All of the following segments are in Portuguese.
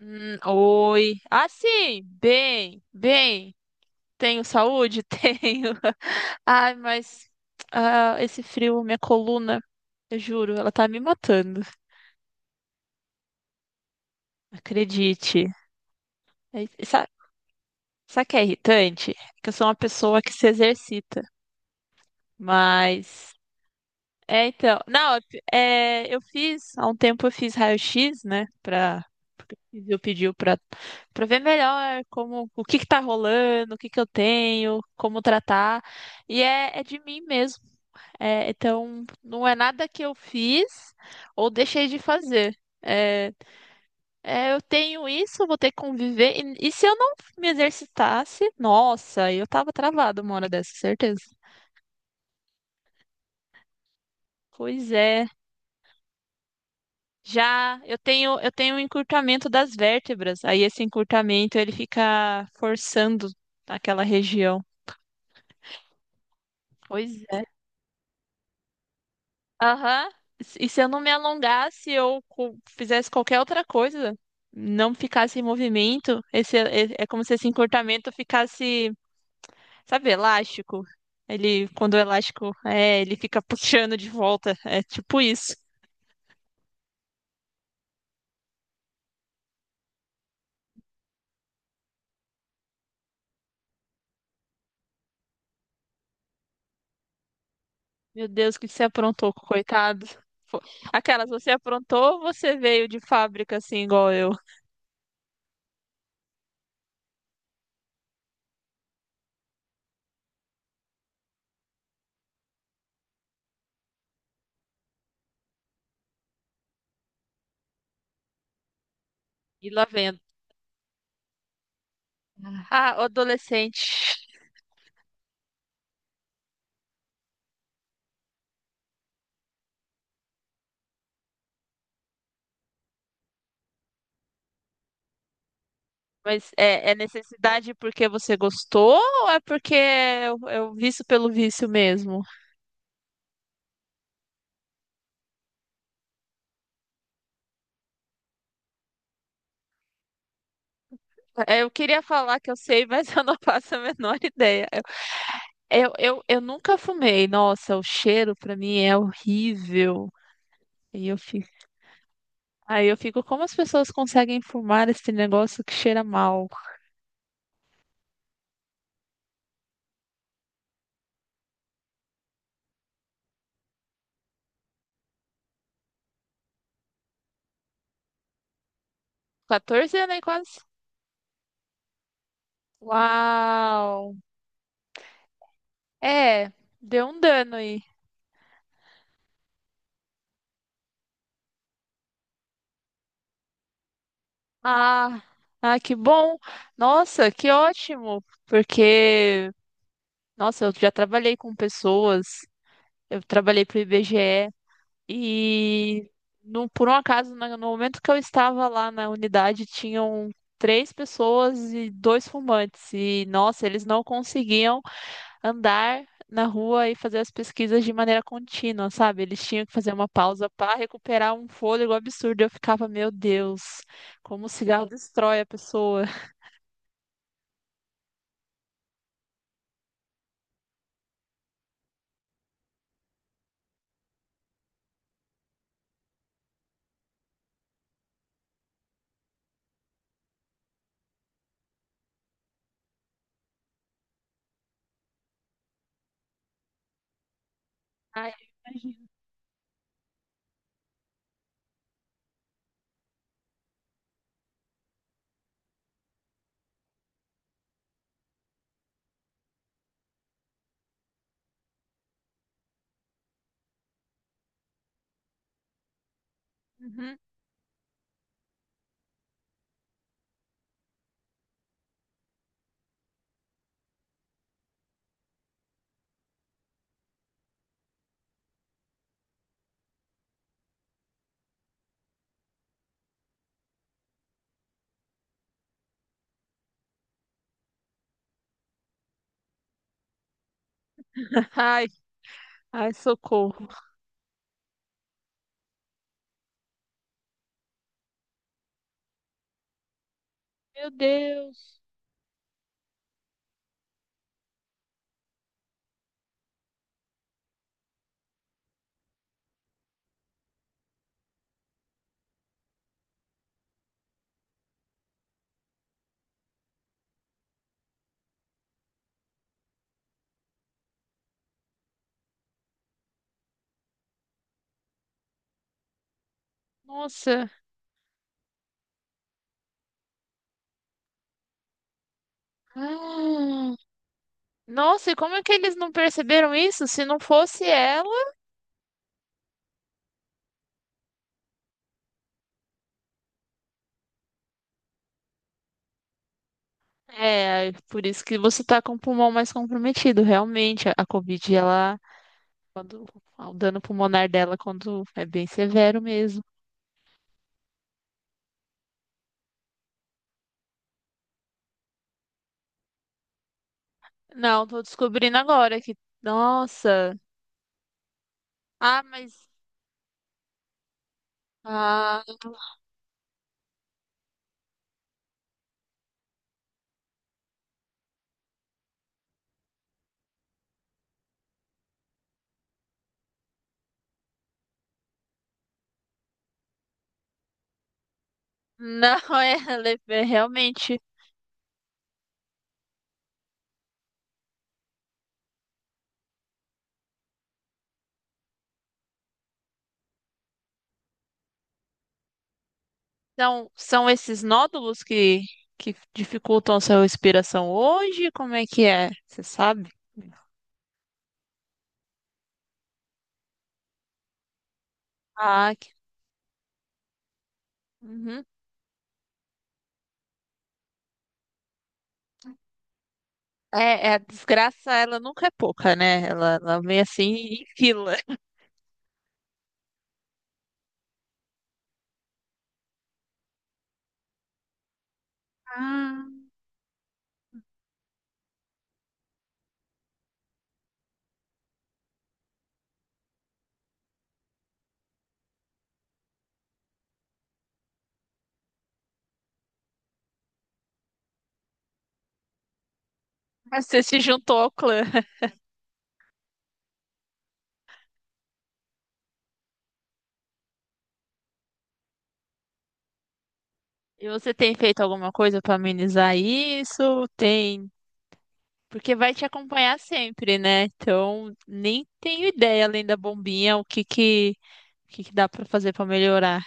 Oi. Ah, sim, bem, bem. Tenho saúde? Tenho. Ai, mas esse frio, minha coluna, eu juro, ela tá me matando. Acredite. É, sabe o que é irritante? É que eu sou uma pessoa que se exercita, mas é, então. Não, é, eu fiz, há um tempo eu fiz raio-x, né? Porque o Fizio pediu pra ver melhor como, o que que tá rolando, o que que eu tenho, como tratar. E é de mim mesmo. É, então, não é nada que eu fiz ou deixei de fazer. É, é, eu tenho isso, eu vou ter que conviver. E se eu não me exercitasse, nossa, eu tava travada uma hora dessa, certeza. Pois é. Já eu tenho um encurtamento das vértebras. Aí esse encurtamento ele fica forçando aquela região. Pois é. Aham. E se eu não me alongasse ou fizesse qualquer outra coisa, não ficasse em movimento, esse é como se esse encurtamento ficasse, sabe, elástico. Ele, quando o elástico ele fica puxando de volta. É tipo isso. Meu Deus, o que você aprontou, coitado. Fo- Aquelas, você aprontou ou você veio de fábrica assim, igual eu? E lá vendo. Ah, o adolescente. Mas é necessidade porque você gostou ou é porque é o vício pelo vício mesmo? É, eu queria falar que eu sei, mas eu não faço a menor ideia. Eu nunca fumei. Nossa, o cheiro pra mim é horrível. E eu fico, aí eu fico, como as pessoas conseguem fumar esse negócio que cheira mal? 14 anos aí quase. Uau! É, deu um dano aí. Ah, ah, que bom! Nossa, que ótimo! Porque, nossa, eu já trabalhei com pessoas, eu trabalhei para o IBGE e, e, no, por um acaso, no momento que eu estava lá na unidade, tinham três pessoas e dois fumantes. E, nossa, eles não conseguiam andar na rua e fazer as pesquisas de maneira contínua, sabe? Eles tinham que fazer uma pausa para recuperar um fôlego absurdo. Eu ficava, meu Deus, como o cigarro destrói a pessoa. Ai, eu imagino. Uhum. Ai, ai, socorro. Meu Deus. Nossa. Ah. Nossa, e como é que eles não perceberam isso? Se não fosse ela, é por isso que você tá com o pulmão mais comprometido. Realmente, a Covid, ela. Quando o dano pulmonar dela quando é bem severo mesmo. Não, tô descobrindo agora que. Nossa! Ah, mas. Ah, não, é, ela é realmente. Então, são esses nódulos que dificultam a sua respiração hoje? Como é que é? Você sabe? Ah, uhum. É, a desgraça, ela nunca é pouca, né? Ela vem assim em fila. Ah, mas você se juntou ao clã. E você tem feito alguma coisa para amenizar isso? Tem, porque vai te acompanhar sempre, né? Então, nem tenho ideia além da bombinha o que que dá para fazer para melhorar.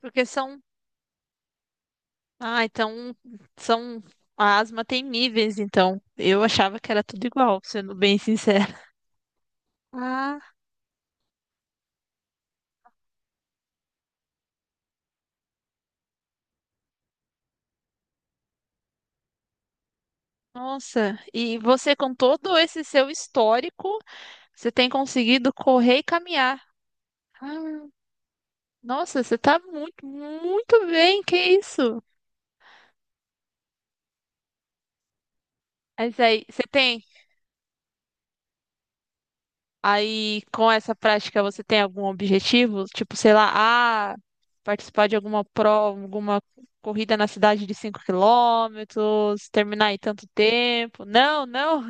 Porque são, ah, então são A asma tem níveis, então. Eu achava que era tudo igual, sendo bem sincera. Ah, nossa. E você com todo esse seu histórico, você tem conseguido correr e caminhar. Nossa, você tá muito, muito bem, que isso? Mas aí, aí com essa prática, você tem algum objetivo? Tipo, sei lá, ah, participar de alguma prova, alguma corrida na cidade de 5 quilômetros, terminar em tanto tempo. Não, não,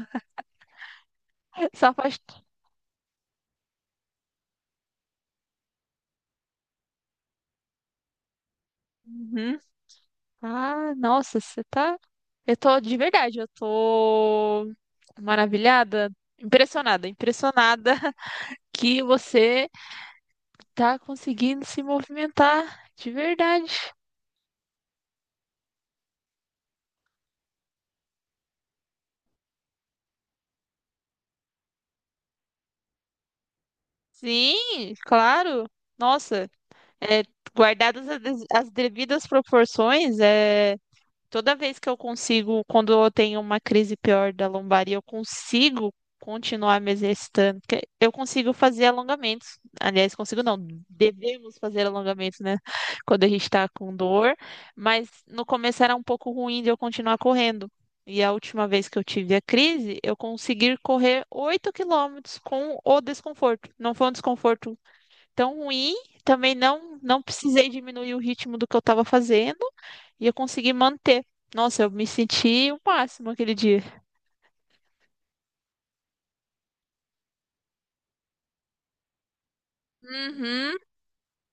só faz. Uhum. Ah, nossa, você tá. Eu tô maravilhada, impressionada, impressionada que você tá conseguindo se movimentar de verdade. Sim, claro. Nossa, é, guardadas as devidas proporções, é. Toda vez que eu consigo, quando eu tenho uma crise pior da lombar e eu consigo continuar me exercitando, porque eu consigo fazer alongamentos. Aliás, consigo não, devemos fazer alongamentos, né? Quando a gente tá com dor, mas no começo era um pouco ruim de eu continuar correndo. E a última vez que eu tive a crise, eu consegui correr 8 quilômetros com o desconforto. Não foi um desconforto tão ruim, também não precisei diminuir o ritmo do que eu estava fazendo e eu consegui manter. Nossa, eu me senti o máximo aquele dia. Uhum.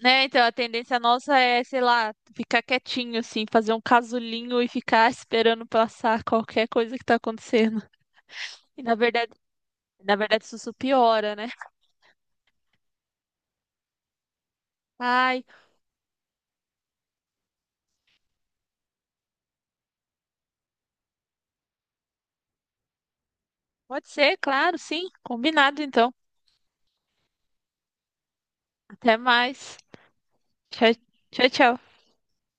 Né, então a tendência nossa é, sei lá, ficar quietinho assim, fazer um casulinho e ficar esperando passar qualquer coisa que tá acontecendo. E na verdade isso só piora, né? Ai, pode ser, claro, sim. Combinado então. Até mais. Tchau, tchau, tchau.